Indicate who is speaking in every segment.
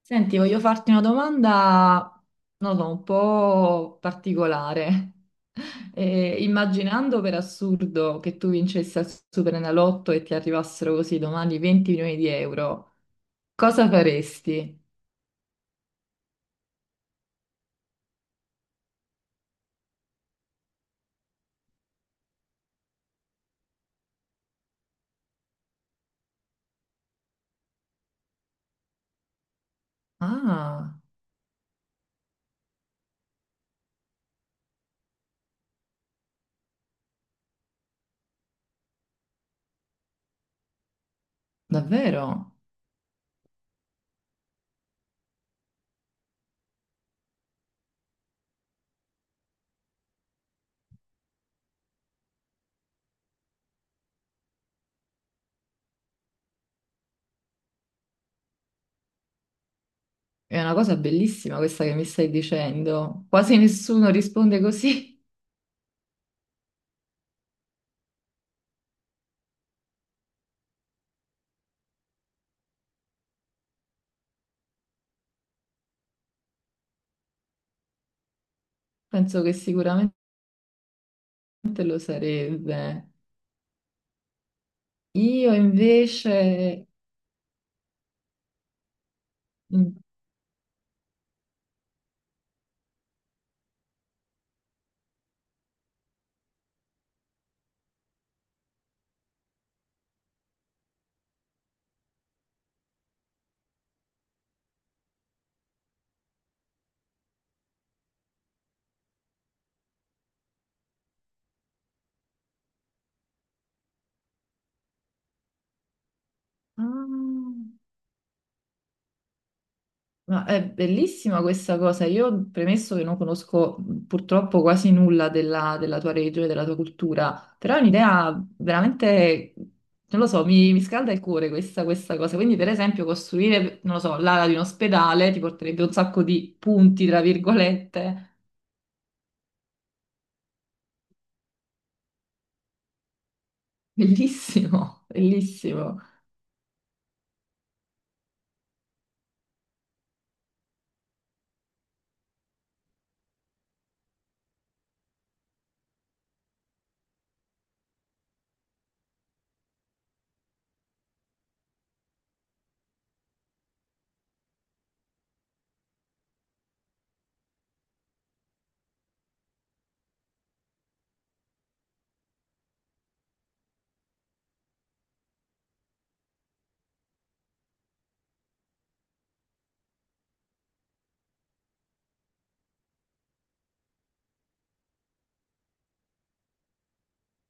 Speaker 1: Senti, voglio farti una domanda, non lo so, un po' particolare. Immaginando per assurdo che tu vincessi al Superenalotto e ti arrivassero così domani 20 milioni di euro, cosa faresti? Ah, davvero? È una cosa bellissima questa che mi stai dicendo. Quasi nessuno risponde così. Penso che sicuramente lo sarebbe. Io invece... Mm. Ah. Ma è bellissima questa cosa. Io, premesso che non conosco purtroppo quasi nulla della tua regione, della tua cultura, però è un'idea veramente, non lo so, mi scalda il cuore questa cosa. Quindi, per esempio, costruire, non lo so, l'ala di un ospedale ti porterebbe un sacco di punti, tra virgolette. Bellissimo, bellissimo.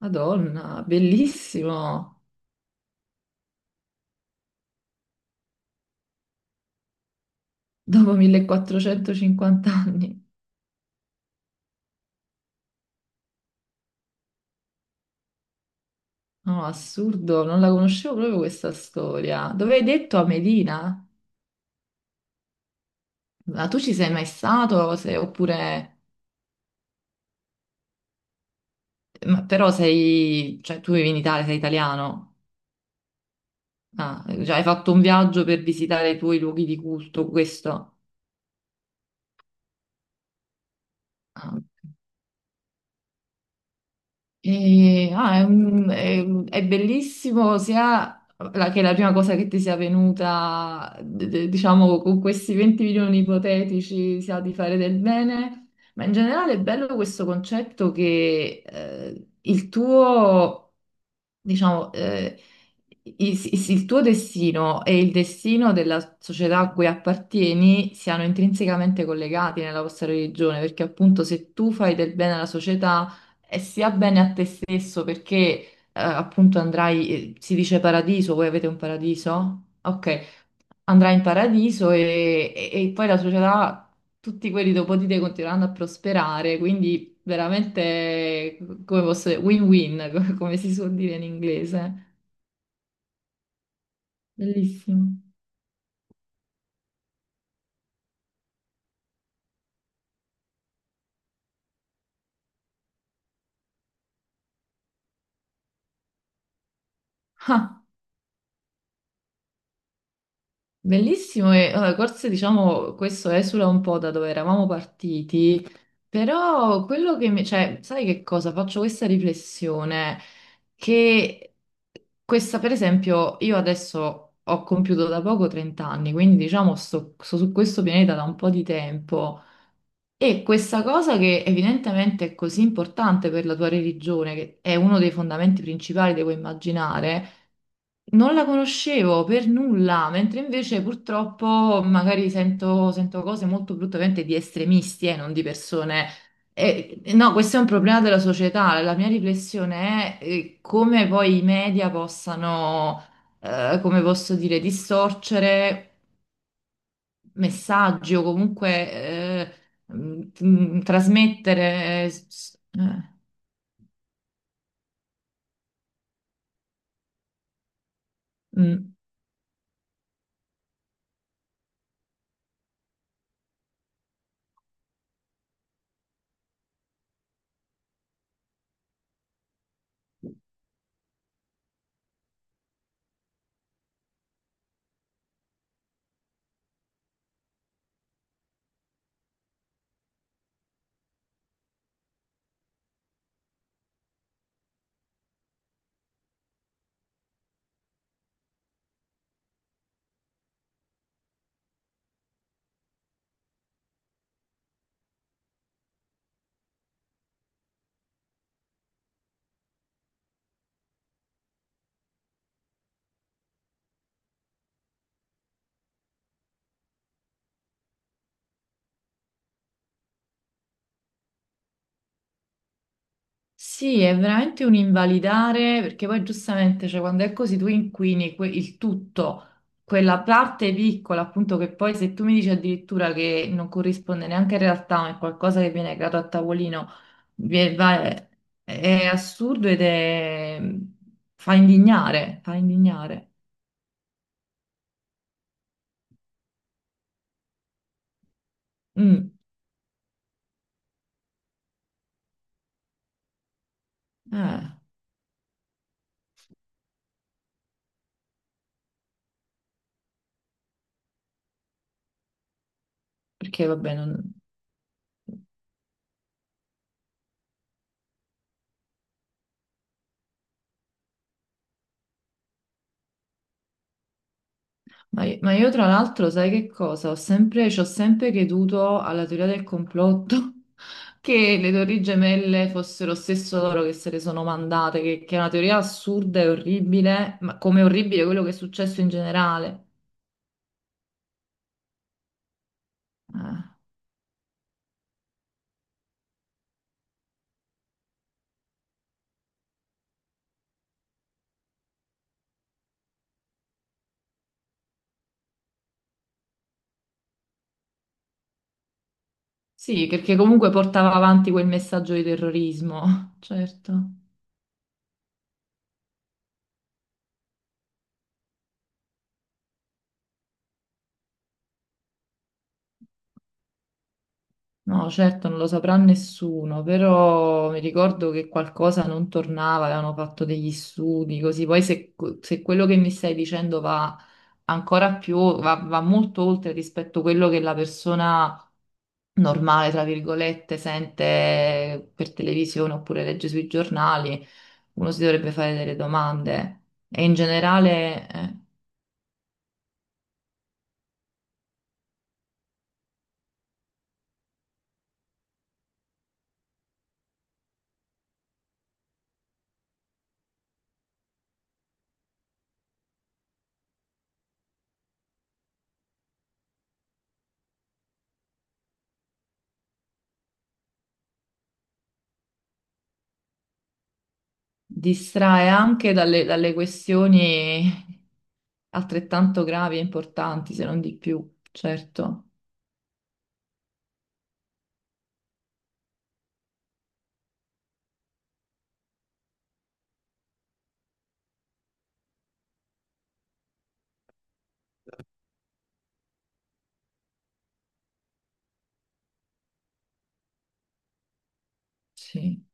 Speaker 1: Madonna, bellissimo. Dopo 1.450 anni. No, assurdo, non la conoscevo proprio questa storia. Dove hai detto, a Medina? Ma tu ci sei mai stato? Oppure... ma però sei... cioè tu vivi in Italia, sei italiano. Ah, cioè hai fatto un viaggio per visitare i tuoi luoghi di culto, questo? Ah, ok. È bellissimo sia che la prima cosa che ti sia venuta, diciamo, con questi 20 milioni ipotetici sia di fare del bene, ma in generale è bello questo concetto che il tuo diciamo, il tuo destino e il destino della società a cui appartieni siano intrinsecamente collegati nella vostra religione, perché appunto se tu fai del bene alla società, è sia bene a te stesso, perché appunto andrai, si dice paradiso, voi avete un paradiso? Ok, andrai in paradiso e poi la società, tutti quelli dopo di te continueranno a prosperare, quindi veramente, come posso dire, win-win, come si suol dire in inglese. Bellissimo. Ah, bellissimo forse diciamo questo esula un po' da dove eravamo partiti, però quello che mi... cioè, sai che cosa? Faccio questa riflessione che questa, per esempio, io adesso ho compiuto da poco 30 anni, quindi diciamo sto su questo pianeta da un po' di tempo. E questa cosa che evidentemente è così importante per la tua religione, che è uno dei fondamenti principali, devo immaginare, non la conoscevo per nulla, mentre invece purtroppo magari sento cose molto brutte, ovviamente di estremisti e non di persone. No, questo è un problema della società. La mia riflessione è come poi i media possano, come posso dire, distorcere messaggi o comunque trasmettere. Mm. Sì, è veramente un invalidare perché poi giustamente, cioè, quando è così tu inquini il tutto, quella parte piccola, appunto, che poi se tu mi dici addirittura che non corrisponde neanche in realtà, ma è qualcosa che viene creato a tavolino, vi- va- è assurdo ed è... fa indignare, fa indignare. Mm, eh, perché vabbè, non... Ma io tra l'altro, sai che cosa? Ho sempre, ci ho sempre creduto alla teoria del complotto, che le Torri Gemelle fossero stesso loro che se le sono mandate, che è una teoria assurda e orribile, ma come orribile quello che è successo in generale. Eh, sì, perché comunque portava avanti quel messaggio di terrorismo, certo. No, certo, non lo saprà nessuno, però mi ricordo che qualcosa non tornava, avevano fatto degli studi così. Poi se, se quello che mi stai dicendo va ancora più, va molto oltre rispetto a quello che la persona normale, tra virgolette, sente per televisione oppure legge sui giornali, uno si dovrebbe fare delle domande. E in generale, distrae anche dalle questioni altrettanto gravi e importanti, se non di più, certo. Sì.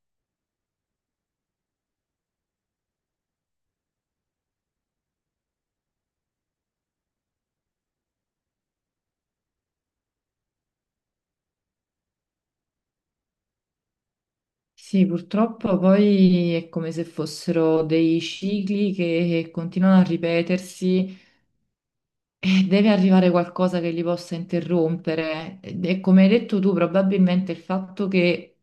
Speaker 1: Sì, purtroppo poi è come se fossero dei cicli che continuano a ripetersi e deve arrivare qualcosa che li possa interrompere. Ed è come hai detto tu, probabilmente il fatto che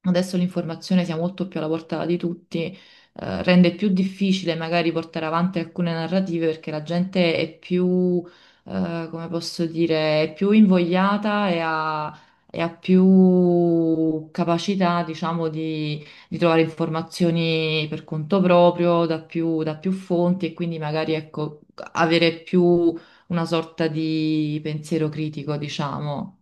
Speaker 1: adesso l'informazione sia molto più alla portata di tutti, rende più difficile magari portare avanti alcune narrative perché la gente è più, come posso dire, è più invogliata e ha più capacità, diciamo, di trovare informazioni per conto proprio, da più fonti e quindi magari, ecco, avere più una sorta di pensiero critico, diciamo.